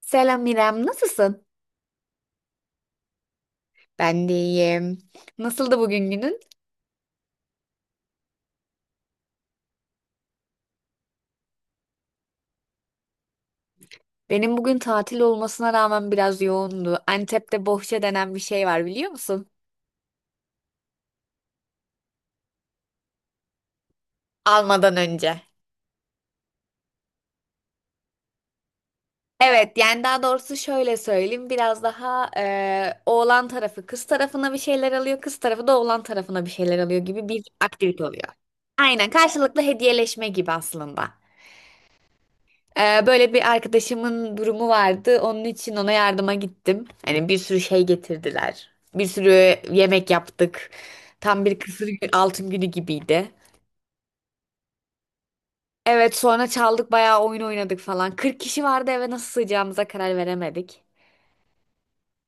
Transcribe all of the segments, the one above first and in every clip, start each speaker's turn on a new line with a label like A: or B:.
A: Selam İrem, nasılsın? Ben de iyiyim. Nasıldı bugün günün? Benim bugün tatil olmasına rağmen biraz yoğundu. Antep'te bohça denen bir şey var biliyor musun? Almadan önce. Evet, yani daha doğrusu şöyle söyleyeyim. Biraz daha oğlan tarafı kız tarafına bir şeyler alıyor, kız tarafı da oğlan tarafına bir şeyler alıyor gibi bir aktivite oluyor. Aynen, karşılıklı hediyeleşme gibi aslında. Böyle bir arkadaşımın durumu vardı. Onun için ona yardıma gittim. Hani bir sürü şey getirdiler. Bir sürü yemek yaptık. Tam bir altın günü gibiydi. Evet, sonra çaldık, bayağı oyun oynadık falan. 40 kişi vardı, eve nasıl sığacağımıza karar veremedik.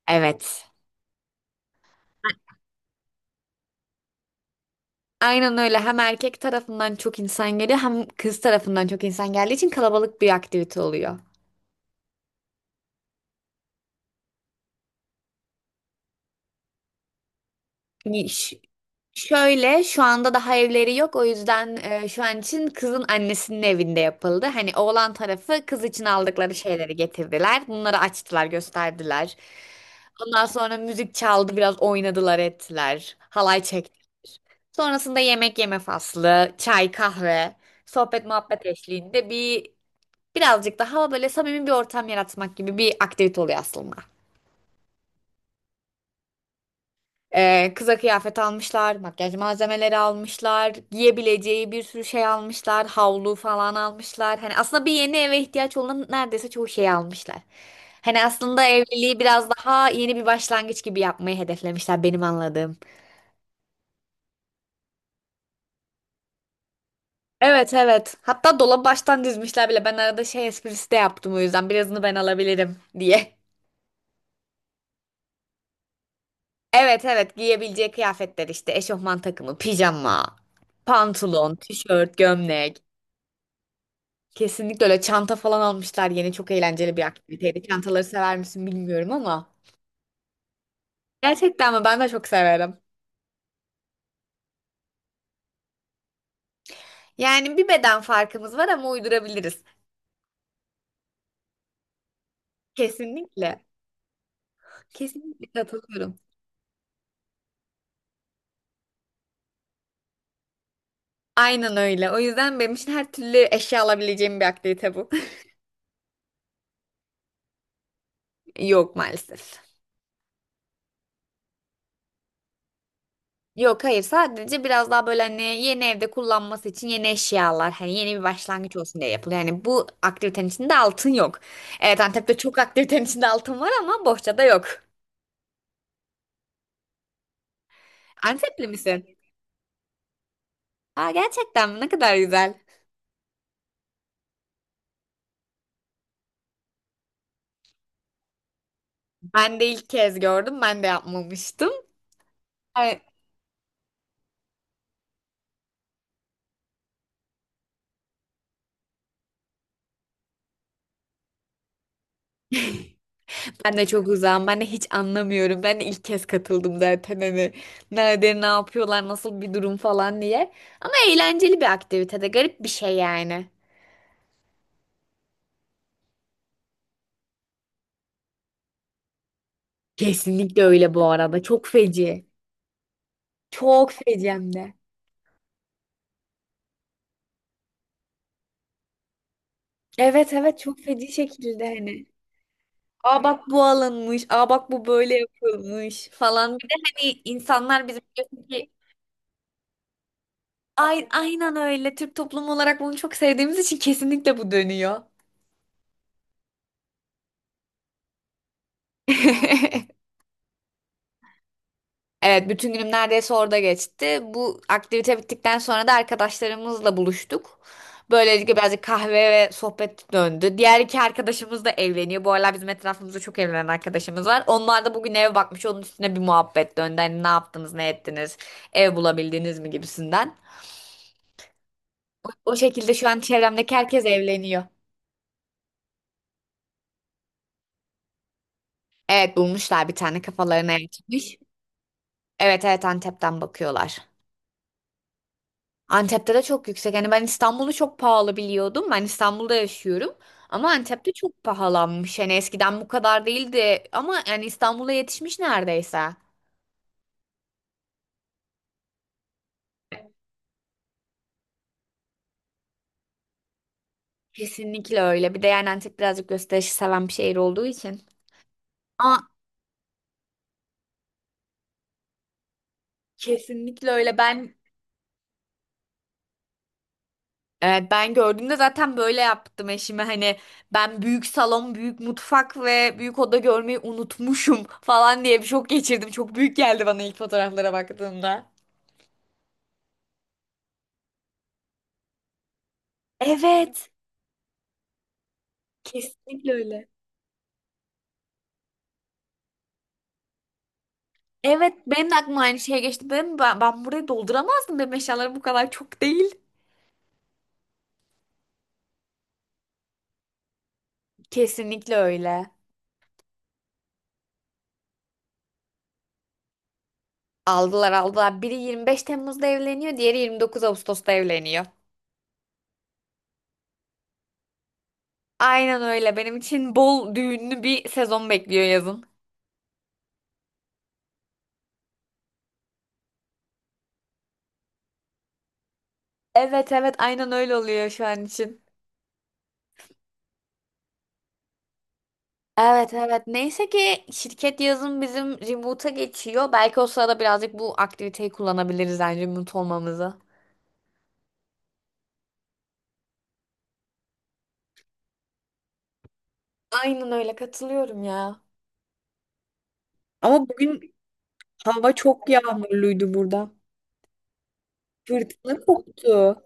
A: Evet. Aynen öyle. Hem erkek tarafından çok insan geliyor, hem kız tarafından çok insan geldiği için kalabalık bir aktivite oluyor. Y- ş- Şöyle, şu anda daha evleri yok, o yüzden şu an için kızın annesinin evinde yapıldı. Hani oğlan tarafı kız için aldıkları şeyleri getirdiler. Bunları açtılar, gösterdiler. Ondan sonra müzik çaldı, biraz oynadılar, ettiler. Halay çektiler. Sonrasında yemek yeme faslı, çay, kahve, sohbet muhabbet eşliğinde bir birazcık daha böyle samimi bir ortam yaratmak gibi bir aktivite oluyor aslında. Kıza kıyafet almışlar, makyaj malzemeleri almışlar, giyebileceği bir sürü şey almışlar, havlu falan almışlar. Hani aslında bir yeni eve ihtiyaç olan neredeyse çoğu şeyi almışlar. Hani aslında evliliği biraz daha yeni bir başlangıç gibi yapmayı hedeflemişler, benim anladığım. Evet, evet. Hatta dolabı baştan dizmişler bile. Ben arada şey esprisi de yaptım, o yüzden birazını ben alabilirim diye. Evet, evet, giyebileceği kıyafetler, işte eşofman takımı, pijama, pantolon, tişört, gömlek. Kesinlikle öyle, çanta falan almışlar yeni, çok eğlenceli bir aktiviteydi. Çantaları sever misin bilmiyorum ama. Gerçekten mi? Ben de çok severim. Yani bir beden farkımız var ama uydurabiliriz. Kesinlikle. Kesinlikle katılıyorum. Aynen öyle. O yüzden benim için her türlü eşya alabileceğim bir aktivite bu. Yok, maalesef. Yok, hayır, sadece biraz daha böyle hani yeni evde kullanması için yeni eşyalar, hani yeni bir başlangıç olsun diye yapılıyor. Yani bu aktivitenin içinde altın yok. Evet, Antep'te çok aktivitenin içinde altın var ama bohçada yok. Antepli misin? Aa, gerçekten mi? Ne kadar güzel. Ben de ilk kez gördüm. Ben de yapmamıştım. Ay. Ben de çok uzağım. Ben de hiç anlamıyorum. Ben de ilk kez katıldım zaten hani. Nerede ne yapıyorlar, nasıl bir durum falan diye. Ama eğlenceli bir aktivitede. Garip bir şey yani. Kesinlikle öyle bu arada. Çok feci. Çok feci hem de. Evet, evet, çok feci şekilde hani. Aa, bak bu alınmış. Aa, bak bu böyle yapılmış falan. Bir de hani insanlar bizim aynen öyle. Türk toplumu olarak bunu çok sevdiğimiz için kesinlikle bu dönüyor. Evet, bütün günüm neredeyse orada geçti. Bu aktivite bittikten sonra da arkadaşlarımızla buluştuk. Böylelikle birazcık kahve ve sohbet döndü. Diğer iki arkadaşımız da evleniyor. Bu aralar bizim etrafımızda çok evlenen arkadaşımız var. Onlar da bugün eve bakmış. Onun üstüne bir muhabbet döndü. Hani ne yaptınız, ne ettiniz, ev bulabildiniz mi gibisinden. O şekilde şu an çevremdeki herkes evleniyor. Evet, bulmuşlar, bir tane kafalarına yatmış. Evet, evet, Antep'ten bakıyorlar. Antep'te de çok yüksek. Hani ben İstanbul'u çok pahalı biliyordum. Ben İstanbul'da yaşıyorum. Ama Antep'te çok pahalanmış. Hani eskiden bu kadar değildi. Ama yani İstanbul'a yetişmiş neredeyse. Kesinlikle öyle. Bir de yani Antep birazcık gösterişi seven bir şehir olduğu için. Aa, kesinlikle öyle. Evet, ben gördüğümde zaten böyle yaptım eşime. Hani ben büyük salon, büyük mutfak ve büyük oda görmeyi unutmuşum falan diye bir şok geçirdim. Çok büyük geldi bana ilk fotoğraflara baktığımda. Evet. Kesinlikle öyle. Evet, benim de aklıma aynı şey geçti. Ben burayı dolduramazdım. Benim eşyalarım bu kadar çok değil. Kesinlikle öyle. Aldılar, aldılar. Biri 25 Temmuz'da evleniyor, diğeri 29 Ağustos'ta evleniyor. Aynen öyle. Benim için bol düğünlü bir sezon bekliyor yazın. Evet, evet, aynen öyle oluyor şu an için. Evet, evet. Neyse ki şirket yazın bizim remote'a geçiyor. Belki o sırada birazcık bu aktiviteyi kullanabiliriz, yani remote olmamızı. Aynen öyle, katılıyorum ya. Ama bugün hava çok yağmurluydu burada. Fırtına koptu.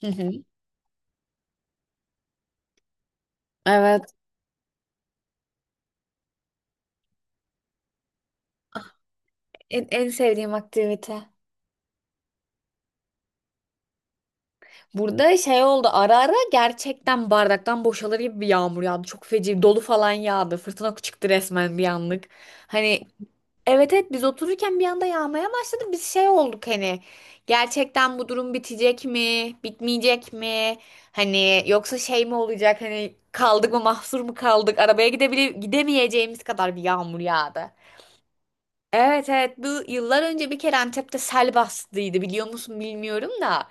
A: Hı hı. Evet. En sevdiğim aktivite. Burada şey oldu, ara ara gerçekten bardaktan boşalır gibi bir yağmur yağdı. Çok feci, dolu falan yağdı. Fırtına çıktı resmen bir anlık. Hani evet, evet, biz otururken bir anda yağmaya başladı. Biz şey olduk, hani gerçekten bu durum bitecek mi? Bitmeyecek mi? Hani yoksa şey mi olacak? Hani kaldık mı, mahsur mu kaldık? Arabaya gidemeyeceğimiz kadar bir yağmur yağdı. Evet, evet, bu yıllar önce bir kere Antep'te sel bastıydı, biliyor musun bilmiyorum da.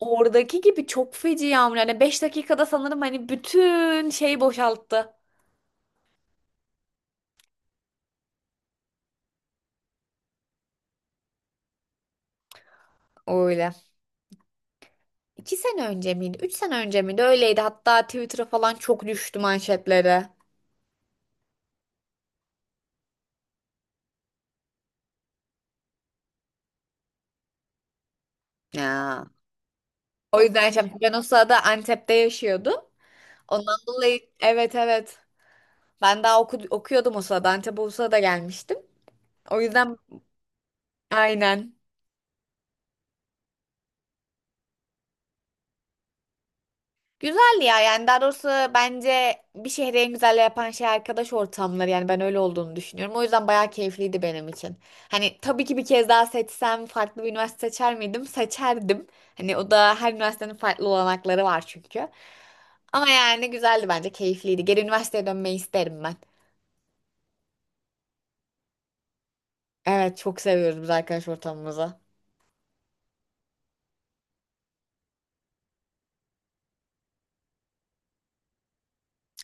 A: Oradaki gibi çok feci yağmur. Yani 5 dakikada sanırım hani bütün şeyi boşalttı. Öyle. 2 sene önce miydi? 3 sene önce miydi? Öyleydi. Hatta Twitter'a falan çok düştü manşetlere. Ya. O yüzden şey, ben o sırada Antep'te yaşıyordum. Ondan dolayı evet, evet. Ben daha okuyordum o sırada. Antep'e o sırada gelmiştim. O yüzden aynen. Güzel ya, yani daha doğrusu bence bir şehri en güzel yapan şey arkadaş ortamları, yani ben öyle olduğunu düşünüyorum. O yüzden bayağı keyifliydi benim için. Hani tabii ki bir kez daha seçsem farklı bir üniversite seçer miydim? Seçerdim. Hani o da, her üniversitenin farklı olanakları var çünkü. Ama yani güzeldi, bence keyifliydi. Geri üniversiteye dönmeyi isterim ben. Evet, çok seviyoruz biz arkadaş ortamımızı.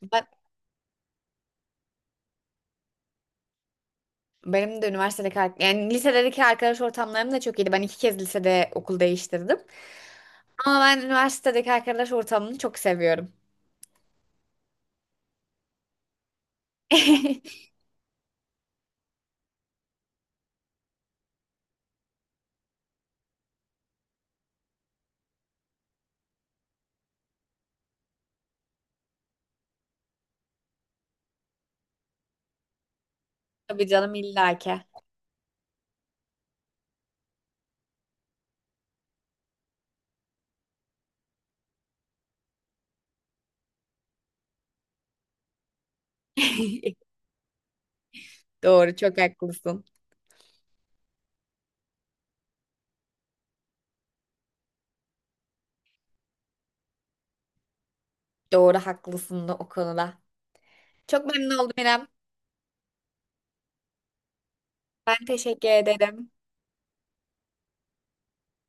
A: Ben, benim de üniversitedeki yani lisedeki arkadaş ortamlarım da çok iyiydi. Ben iki kez lisede okul değiştirdim. Ama ben üniversitedeki arkadaş ortamını çok seviyorum. Tabii canım, illaki. Doğru, çok haklısın. Doğru, haklısın da o konuda. Çok memnun oldum İrem. Ben teşekkür ederim.